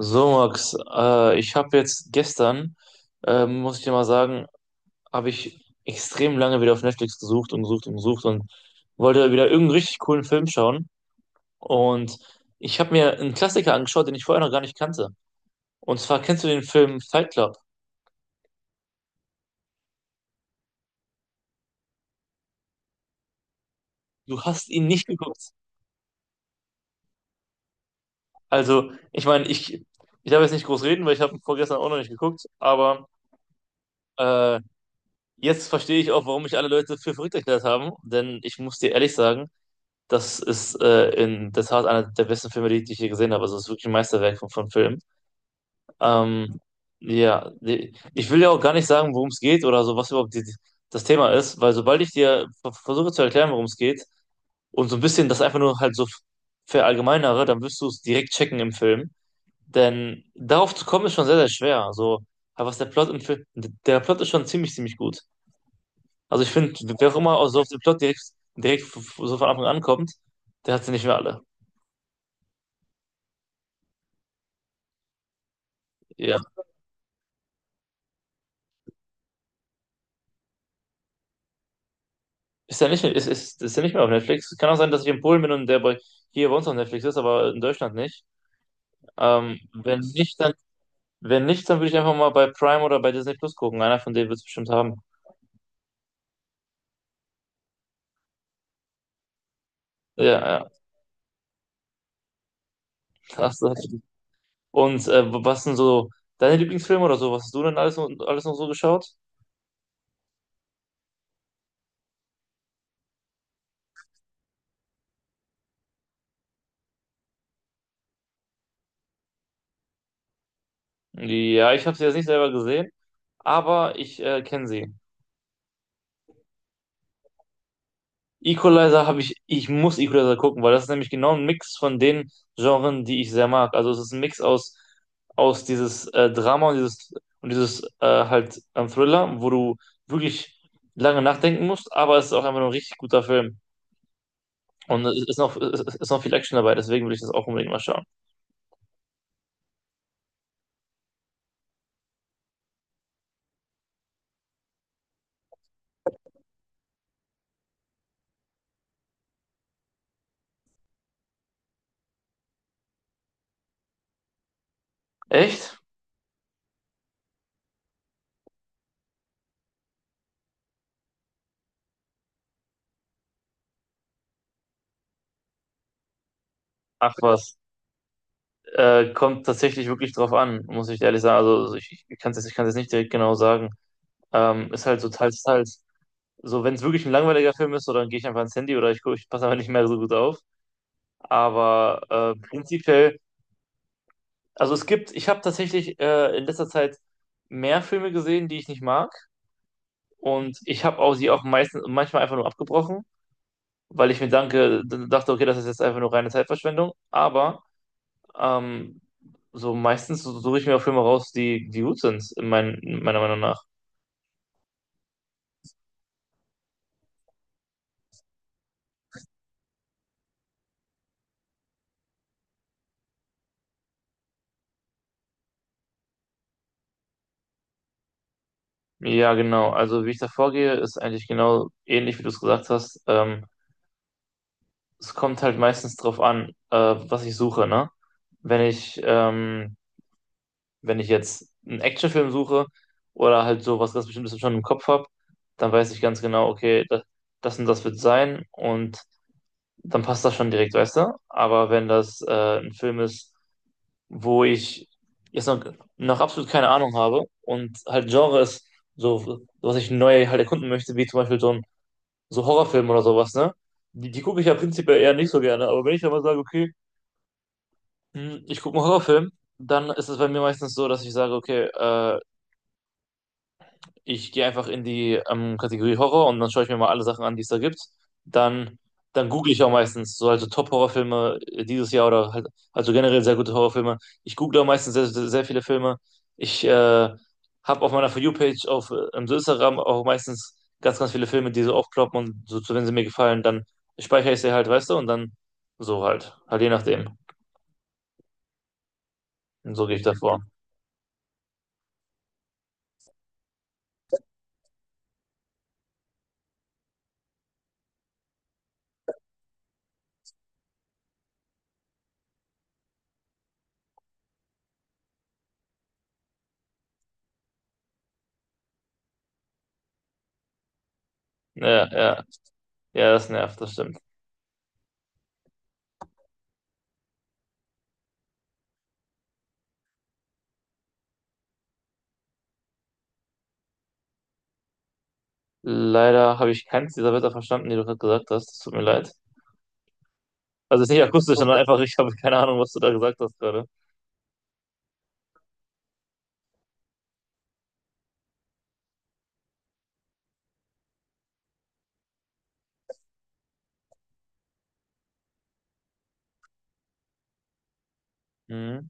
So, Max, ich habe jetzt gestern, muss ich dir mal sagen, habe ich extrem lange wieder auf Netflix gesucht und gesucht und gesucht und wollte wieder irgendeinen richtig coolen Film schauen. Und ich habe mir einen Klassiker angeschaut, den ich vorher noch gar nicht kannte. Und zwar kennst du den Film Fight Club? Du hast ihn nicht geguckt. Also, ich meine, ich darf jetzt nicht groß reden, weil ich habe ihn vorgestern auch noch nicht geguckt. Aber äh, jetzt verstehe ich auch, warum mich alle Leute für verrückt erklärt haben. Denn ich muss dir ehrlich sagen, das ist in der Tat einer der besten Filme, die ich je gesehen habe. Also es ist wirklich ein Meisterwerk von Film. Ähm, ja, ich will ja auch gar nicht sagen, worum es geht oder so, was überhaupt das Thema ist, weil sobald ich dir versuche zu erklären, worum es geht und so ein bisschen das einfach nur halt so verallgemeinere, dann wirst du es direkt checken im Film. Denn darauf zu kommen ist schon sehr, sehr schwer. Also, aber was der Plot im Film, der Plot ist schon ziemlich, ziemlich gut. Also ich finde, wer auch immer so auf den Plot direkt, so von Anfang an kommt, der hat sie nicht mehr alle. Ja. Ist ja nicht, ist ja nicht mehr auf Netflix. Kann auch sein, dass ich in Polen bin und der hier bei uns auf Netflix ist, aber in Deutschland nicht. Ähm, wenn nicht, dann, wenn nicht, dann würde ich einfach mal bei Prime oder bei Disney Plus gucken. Einer von denen wird es bestimmt haben. Ja, ja. Ach, so. Und was sind so deine Lieblingsfilme oder so? Was hast du denn alles noch so geschaut? Ja, ich habe sie jetzt nicht selber gesehen, aber ich kenne sie. Equalizer habe ich, muss Equalizer gucken, weil das ist nämlich genau ein Mix von den Genren, die ich sehr mag. Also es ist ein Mix aus dieses Drama und dieses halt Thriller, wo du wirklich lange nachdenken musst, aber es ist auch einfach nur ein richtig guter Film. Und es ist noch viel Action dabei, deswegen will ich das auch unbedingt mal schauen. Echt? Ach was. Kommt tatsächlich wirklich drauf an, muss ich ehrlich sagen. Also ich kann es jetzt, ich kann's jetzt nicht direkt genau sagen. Ist halt so teils, teils. So, wenn es wirklich ein langweiliger Film ist, so, dann gehe ich einfach ins Handy oder ich passe einfach nicht mehr so gut auf. Aber prinzipiell, ich habe tatsächlich in letzter Zeit mehr Filme gesehen, die ich nicht mag. Und ich habe auch sie auch meistens, manchmal einfach nur abgebrochen, weil ich mir dachte, okay, das ist jetzt einfach nur reine Zeitverschwendung. Aber Ähm, so meistens suche ich mir auch Filme raus, die gut sind, in meiner Meinung nach. Ja, genau. Also wie ich da vorgehe, ist eigentlich genau ähnlich, wie du es gesagt hast. Es kommt halt meistens drauf an, was ich suche, ne? Wenn ich, ähm, wenn ich jetzt einen Actionfilm suche oder halt so was ganz Bestimmtes schon im Kopf habe, dann weiß ich ganz genau, okay, das und das wird sein und dann passt das schon direkt, weißt du? Aber wenn das ein Film ist, wo ich jetzt noch absolut keine Ahnung habe und halt Genre ist so, was ich neu halt erkunden möchte, wie zum Beispiel so ein so Horrorfilm oder sowas, ne? Die gucke ich ja prinzipiell eher nicht so gerne, aber wenn ich dann mal sage, okay, ich gucke einen Horrorfilm, dann ist es bei mir meistens so, dass ich sage, okay, ich gehe einfach in die Kategorie Horror und dann schaue ich mir mal alle Sachen an, die es da gibt. Dann, dann google ich auch meistens so also Top-Horrorfilme dieses Jahr oder halt, also generell sehr gute Horrorfilme. Ich google auch meistens sehr, sehr, sehr viele Filme. Ich habe auf meiner For You-Page auf im Instagram auch meistens ganz, ganz viele Filme, die so aufploppen und so, wenn sie mir gefallen, dann speichere ich sie halt, weißt du, und dann so halt je nachdem. Und so gehe ich davor. Ja, ja, ja, das nervt, das stimmt. Leider habe ich keins dieser Wörter verstanden, die du gerade gesagt hast. Das tut mir leid. Also ist nicht akustisch, sondern einfach, ich habe keine Ahnung, was du da gesagt hast gerade. Mhm.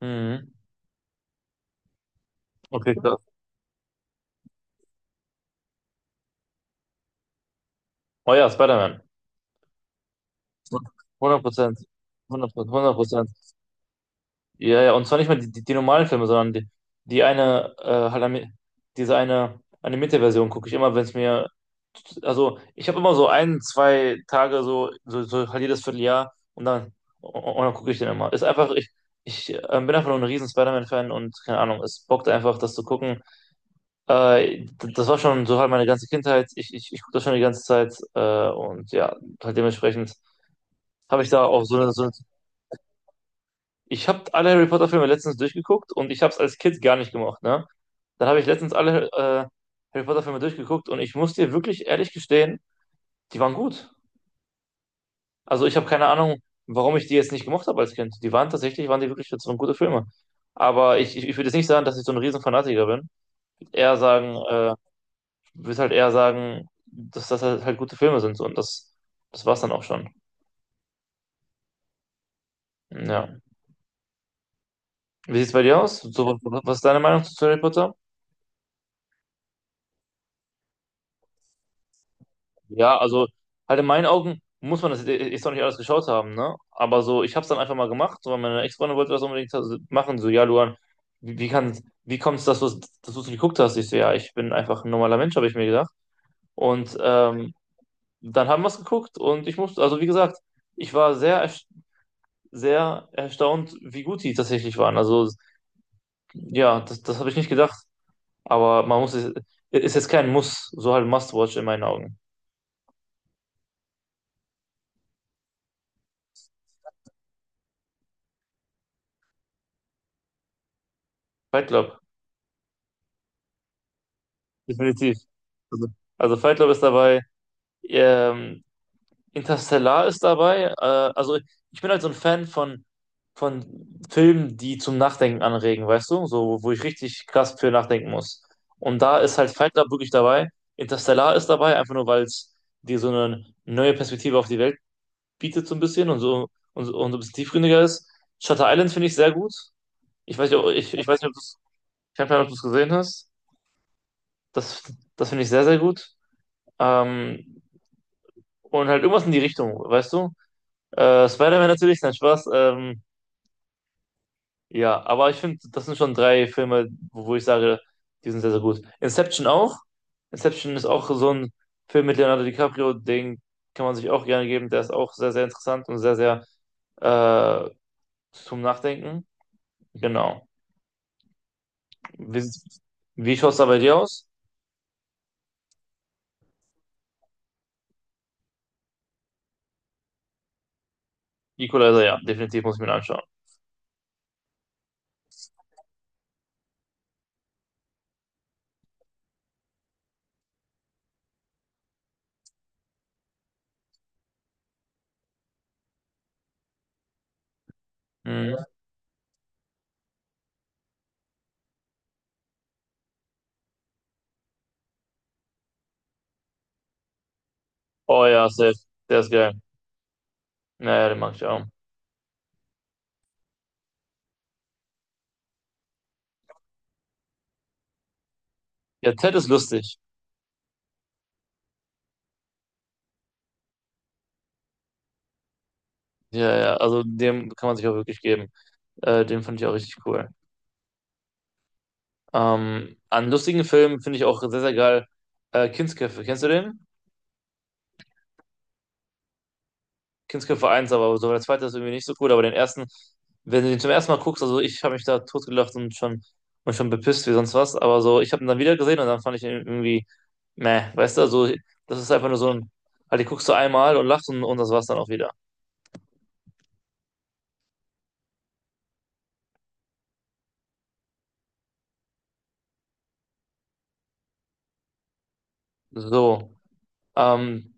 Mhm. Okay, klar. Oh ja, Spider-Man. 100%. 100 Prozent. Ja, ja, und zwar nicht mal die normalen Filme, sondern die eine, äh, halt ami- diese eine animierte Version gucke ich immer, wenn es mir, also ich habe immer so ein, zwei Tage so, so halt jedes Vierteljahr und dann gucke ich den immer. Ist einfach, ich bin einfach nur ein riesen Spider-Man-Fan und keine Ahnung, es bockt einfach, das zu gucken. Das war schon so halt meine ganze Kindheit. Ich gucke das schon die ganze Zeit und ja, halt dementsprechend habe ich da auch so eine ich habe alle Harry Potter Filme letztens durchgeguckt und ich habe es als Kind gar nicht gemacht, ne? Dann habe ich letztens alle Harry Potter Filme durchgeguckt und ich muss dir wirklich ehrlich gestehen, die waren gut. Also ich habe keine Ahnung, warum ich die jetzt nicht gemocht habe als Kind. Die waren tatsächlich, waren die wirklich so gute Filme. Aber ich würde jetzt nicht sagen, dass ich so ein riesen Fanatiker bin. Ich würd Eher sagen, würde halt eher sagen, dass das halt gute Filme sind so und das war's dann auch schon. Ja. Wie sieht's bei dir aus? So, was ist deine Meinung zu Harry Potter? Ja, also halt in meinen Augen muss man das jetzt echt noch nicht alles geschaut haben, ne? Aber so, ich habe es dann einfach mal gemacht, so, weil meine Ex-Freundin wollte das unbedingt so machen, so, ja, Luan, wie, wie kann, wie kommt es, dass du's geguckt hast? Ich so, ja, ich bin einfach ein normaler Mensch, habe ich mir gedacht. Und dann haben wir es geguckt und ich musste, also wie gesagt, ich war sehr erstaunt, wie gut die tatsächlich waren. Also ja, das habe ich nicht gedacht, aber man muss es, ist jetzt kein Muss, so halt Must-Watch in meinen Augen. Fight Club. Definitiv. Also, also, Fight Club ist dabei, ähm, Interstellar ist dabei. Also ich bin halt so ein Fan von Filmen, die zum Nachdenken anregen, weißt du? So, wo ich richtig krass für nachdenken muss. Und da ist halt Fight Club wirklich dabei. Interstellar ist dabei, einfach nur, weil es dir so eine neue Perspektive auf die Welt bietet, so ein bisschen und so, und so ein bisschen tiefgründiger ist. Shutter Island finde ich sehr gut. Ich weiß nicht, ob du es gesehen hast. Das, das finde ich sehr, sehr gut. Ähm, Und halt irgendwas in die Richtung, weißt du? Spider-Man natürlich, nein, Spaß. Ja, aber ich finde, das sind schon drei Filme, wo ich sage, die sind sehr, sehr gut. Inception auch. Inception ist auch so ein Film mit Leonardo DiCaprio, den kann man sich auch gerne geben. Der ist auch sehr, sehr interessant und sehr, sehr äh, zum Nachdenken. Genau. Wie, wie schaut es da bei dir aus? Equalizer, ja, definitiv muss ich mir den anschauen. Mhm. Oh ja, safe. Der ist geil. Naja, den mag ich auch. Ja, Ted ist lustig. Ja, ja, also dem kann man sich auch wirklich geben. Den fand ich auch richtig cool. An lustigen Filmen finde ich auch sehr, sehr geil Kindsköpfe. Kennst du den? Kindsköpfe eins, aber so der zweite ist irgendwie nicht so cool, aber den ersten, wenn du den zum ersten Mal guckst, also ich habe mich da totgelacht und schon bepisst wie sonst was, aber so, ich habe ihn dann wieder gesehen und dann fand ich ihn irgendwie, meh, weißt du, also das ist einfach nur halt, die guckst du einmal und lachst und das war's dann auch wieder. So. Ähm,